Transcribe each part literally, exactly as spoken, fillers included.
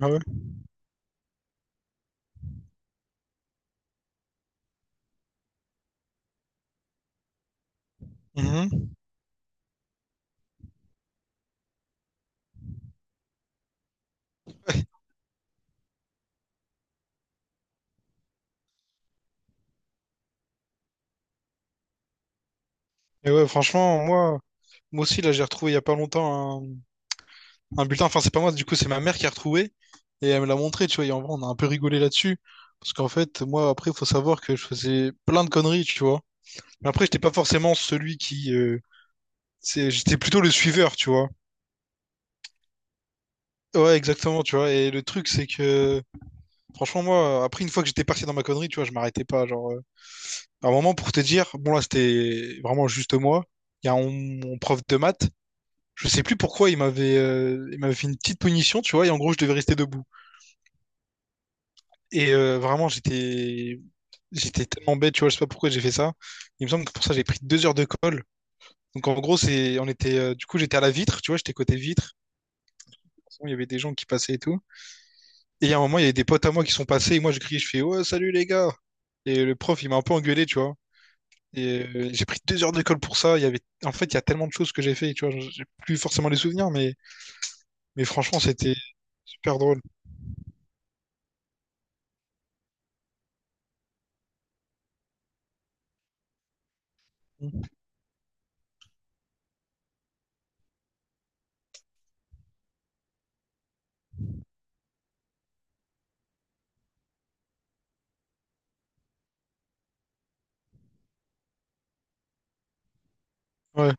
Ah ouais. Mhm. Et ouais, franchement, moi, moi aussi, là, j'ai retrouvé il y a pas longtemps un, un bulletin. Enfin, c'est pas moi, du coup, c'est ma mère qui a retrouvé. Et elle me l'a montré, tu vois. Et en vrai, on a un peu rigolé là-dessus. Parce qu'en fait, moi, après, il faut savoir que je faisais plein de conneries, tu vois. Mais après, j'étais pas forcément celui qui, euh, c'est, j'étais plutôt le suiveur, tu vois. Ouais, exactement, tu vois. Et le truc, c'est que. Franchement, moi, après, une fois que j'étais parti dans ma connerie, tu vois, je m'arrêtais pas. Genre, euh, à un moment, pour te dire, bon, là, c'était vraiment juste moi. Il y a un- mon prof de maths, je sais plus pourquoi il m'avait euh, il m'avait fait une petite punition, tu vois, et en gros je devais rester debout. Et euh, vraiment j'étais j'étais tellement bête, tu vois, je sais pas pourquoi j'ai fait ça. Il me semble que pour ça j'ai pris deux heures de colle. Donc en gros c'est on était euh, du coup j'étais à la vitre, tu vois, j'étais côté vitre. De toute façon, il y avait des gens qui passaient et tout. Et à un moment il y avait des potes à moi qui sont passés et moi je criais, je fais ouais salut les gars. Et le prof il m'a un peu engueulé, tu vois. Et euh, j'ai pris deux heures de colle pour ça. Il y avait en fait il y a tellement de choses que j'ai fait, tu vois, j'ai plus forcément les souvenirs, mais mais franchement c'était super drôle. Ouais.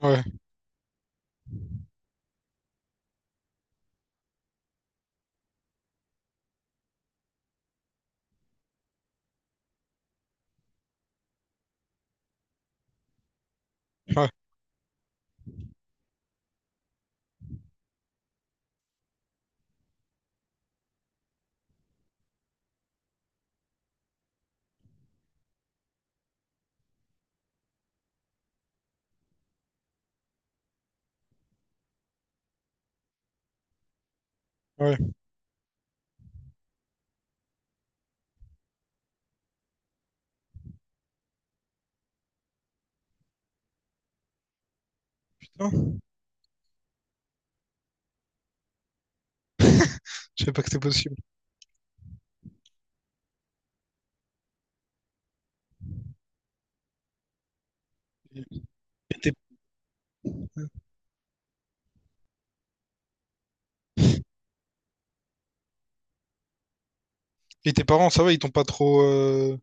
Ouais, ouais, ouais, putain. Je savais pas que c'était possible. Et tes, et tes parents, ça va, ils t'ont pas trop, euh,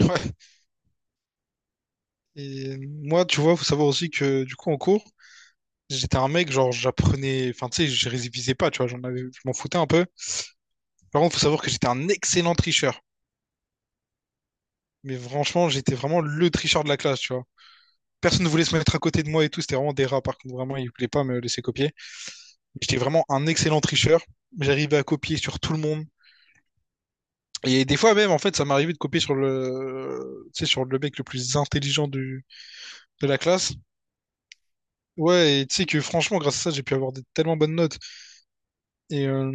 ouais. Et moi, tu vois, faut savoir aussi que du coup, en cours, j'étais un mec, genre, j'apprenais. Enfin, tu sais, je révisais pas, tu vois, j'en avais... je m'en foutais un peu. Par contre, faut savoir que j'étais un excellent tricheur. Mais franchement, j'étais vraiment le tricheur de la classe, tu vois. Personne ne voulait se mettre à côté de moi et tout, c'était vraiment des rats, par contre, vraiment, ils voulaient pas me laisser copier. J'étais vraiment un excellent tricheur. J'arrivais à copier sur tout le monde. Et des fois même, en fait, ça m'arrivait de copier sur le, tu sais, sur le mec le plus intelligent du, de la classe. Ouais, et tu sais que franchement, grâce à ça, j'ai pu avoir des tellement bonnes notes. Et euh,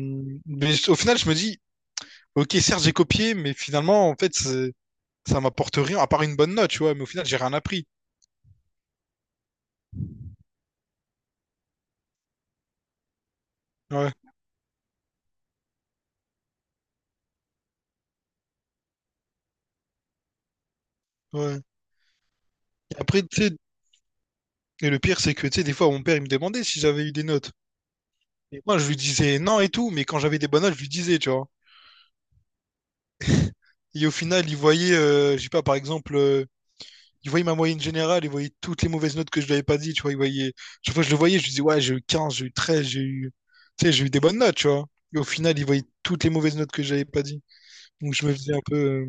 mais au final, je me dis, ok, certes, j'ai copié, mais finalement, en fait, c'est- ça m'apporte rien, à part une bonne note, tu vois. Mais au final, j'ai rien appris. Ouais, ouais. Et après, tu sais, et le pire, c'est que, tu sais, des fois, mon père, il me demandait si j'avais eu des notes. Et moi, je lui disais non et tout, mais quand j'avais des bonnes notes, je lui disais, tu vois. Et au final, il voyait, euh, je sais pas, par exemple, euh, il voyait ma moyenne générale, il voyait toutes les mauvaises notes que je lui avais pas dit, tu vois, il voyait, chaque fois que je le voyais, je lui disais, ouais, j'ai eu quinze j'ai eu treize j'ai eu, tu sais, j'ai eu des bonnes notes, tu vois. Et au final, il voyait toutes les mauvaises notes que j'avais pas dit. Donc, je me faisais un peu,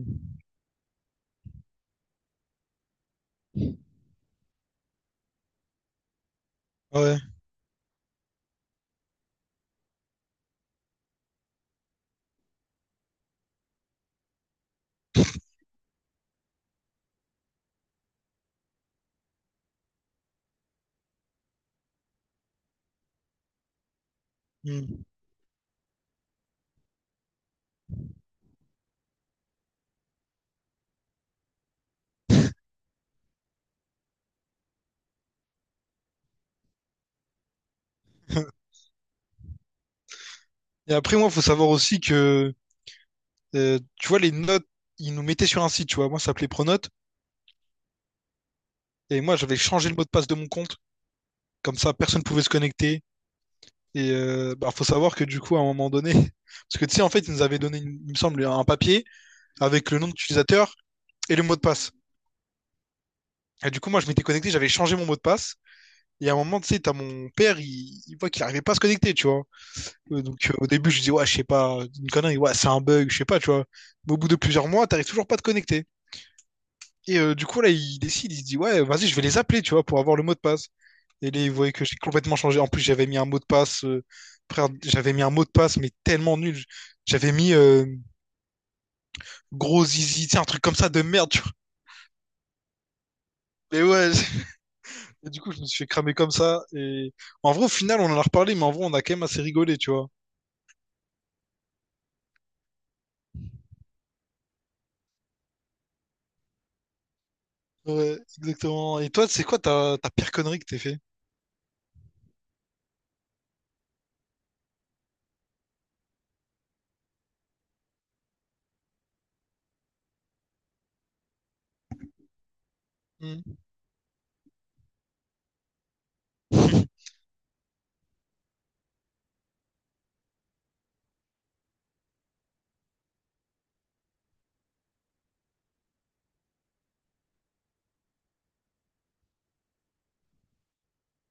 euh, ouais. Hmm. Et après, moi, faut savoir aussi que, euh, tu vois, les notes, ils nous mettaient sur un site, tu vois. Moi, ça s'appelait Pronote. Et moi, j'avais changé le mot de passe de mon compte. Comme ça, personne pouvait se connecter. Et euh, bah, faut savoir que du coup, à un moment donné, parce que tu sais, en fait, ils nous avaient donné, une- il me semble, un papier avec le nom d'utilisateur et le mot de passe. Et du coup, moi, je m'étais connecté, j'avais changé mon mot de passe. Et à un moment, tu sais, t'as mon père, il, il voit qu'il arrivait pas à se connecter, tu vois. Euh, Donc, euh, au début, je dis, ouais, je sais pas, une connerie, ouais, c'est un bug, je sais pas, tu vois. Mais au bout de plusieurs mois, t'arrives toujours pas à te connecter. Et euh, du coup, là, il décide, il se dit, ouais, vas-y, je vais les appeler, tu vois, pour avoir le mot de passe. Et là, il voyait que j'ai complètement changé. En plus, j'avais mis un mot de passe, euh, frère, j'avais mis un mot de passe, mais tellement nul. J'avais mis euh, gros zizi, tu sais, un truc comme ça de merde, tu vois. Mais ouais, et du coup, je me suis fait cramer comme ça. Et en vrai, au final, on en a reparlé, mais en vrai, on a quand même assez rigolé, tu vois. Ouais, exactement. Et toi, c'est quoi ta, ta pire connerie que t'es fait? Hmm.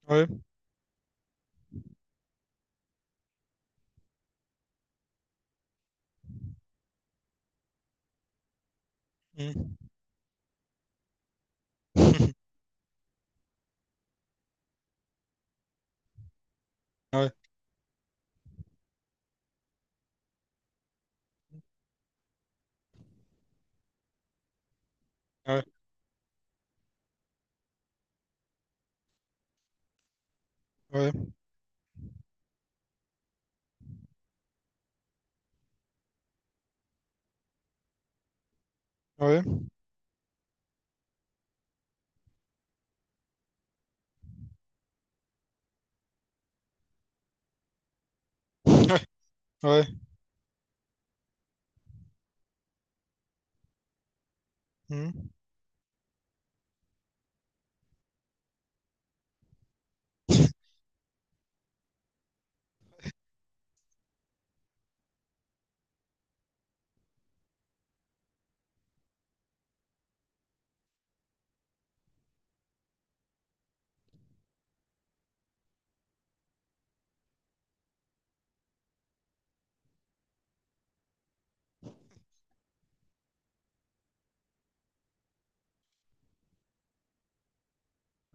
Ouais. Hmm. Ouais. Ouais. Ouais. Ouais. Ouais. Ouais. Hmm.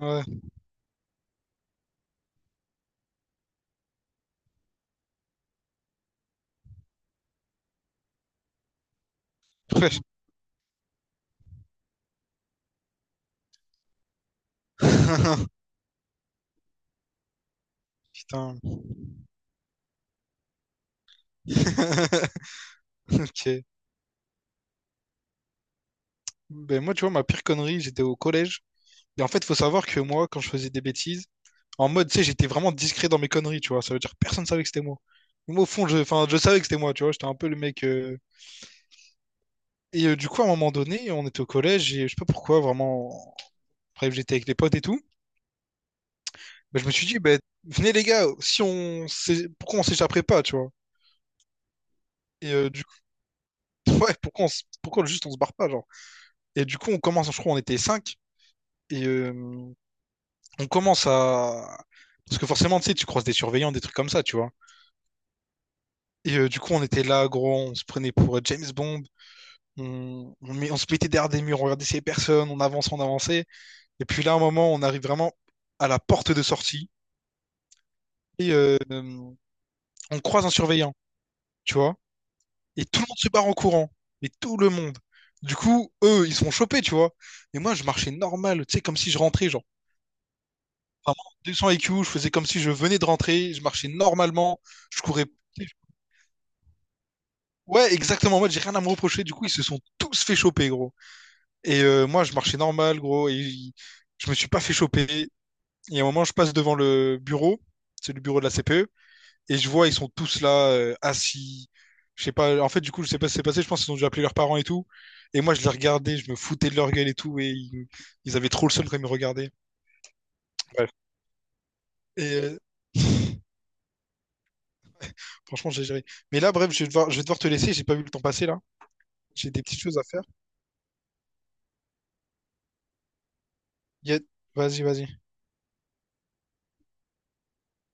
Ouais. Ouais. Putain. Ok. Ben moi, tu vois, ma pire connerie, j'étais au collège. Et en fait, faut savoir que moi, quand je faisais des bêtises, en mode, tu sais, j'étais vraiment discret dans mes conneries, tu vois. Ça veut dire que personne savait que c'était moi. Moi, au fond, je, enfin, je savais que c'était moi, tu vois. J'étais un peu le mec. euh. Et euh, du coup, à un moment donné, on était au collège et je sais pas pourquoi, vraiment. Bref, j'étais avec les potes et tout. Bah, je me suis dit, bah, venez les gars, si on s'é- pourquoi on s'échapperait pas, tu vois. Et euh, du coup, ouais, pourquoi, on s- pourquoi juste on se barre pas, genre. Et du coup, on commence, je crois, on était cinq. Et euh, on commence à. Parce que forcément, tu sais, tu croises des surveillants, des trucs comme ça, tu vois. Et euh, du coup, on était là, gros, on se prenait pour euh, James Bond. On, on, met- on se mettait derrière des murs, on regardait ces personnes, on avançait, on avançait. Et puis là, à un moment, on arrive vraiment à la porte de sortie. Et euh, on croise un surveillant, tu vois. Et tout le monde se barre en courant. Mais tout le monde. Du coup, eux, ils sont chopés, tu vois. Et moi, je marchais normal, tu sais, comme si je rentrais, genre. Vraiment, deux cents I Q, je faisais comme si je venais de rentrer, je marchais normalement, je courais. Ouais, exactement, moi, j'ai rien à me reprocher. Du coup, ils se sont tous fait choper, gros. Et euh, moi, je marchais normal, gros, et j- je me suis pas fait choper. Et à un moment, je passe devant le bureau, c'est le bureau de la C P E, et je vois, ils sont tous là, euh, assis. Je sais pas, en fait, du coup, je sais pas ce qui s'est passé, je pense qu'ils ont dû appeler leurs parents et tout. Et moi, je les regardais, je me foutais de leur gueule et tout, et ils, ils avaient trop le seum quand ils me regardaient. Bref. Et euh, franchement, j'ai géré. Mais là, bref, je vais devoir, je vais devoir te laisser, j'ai pas vu le temps passer là. J'ai des petites choses à faire. Y a- Vas-y, vas-y.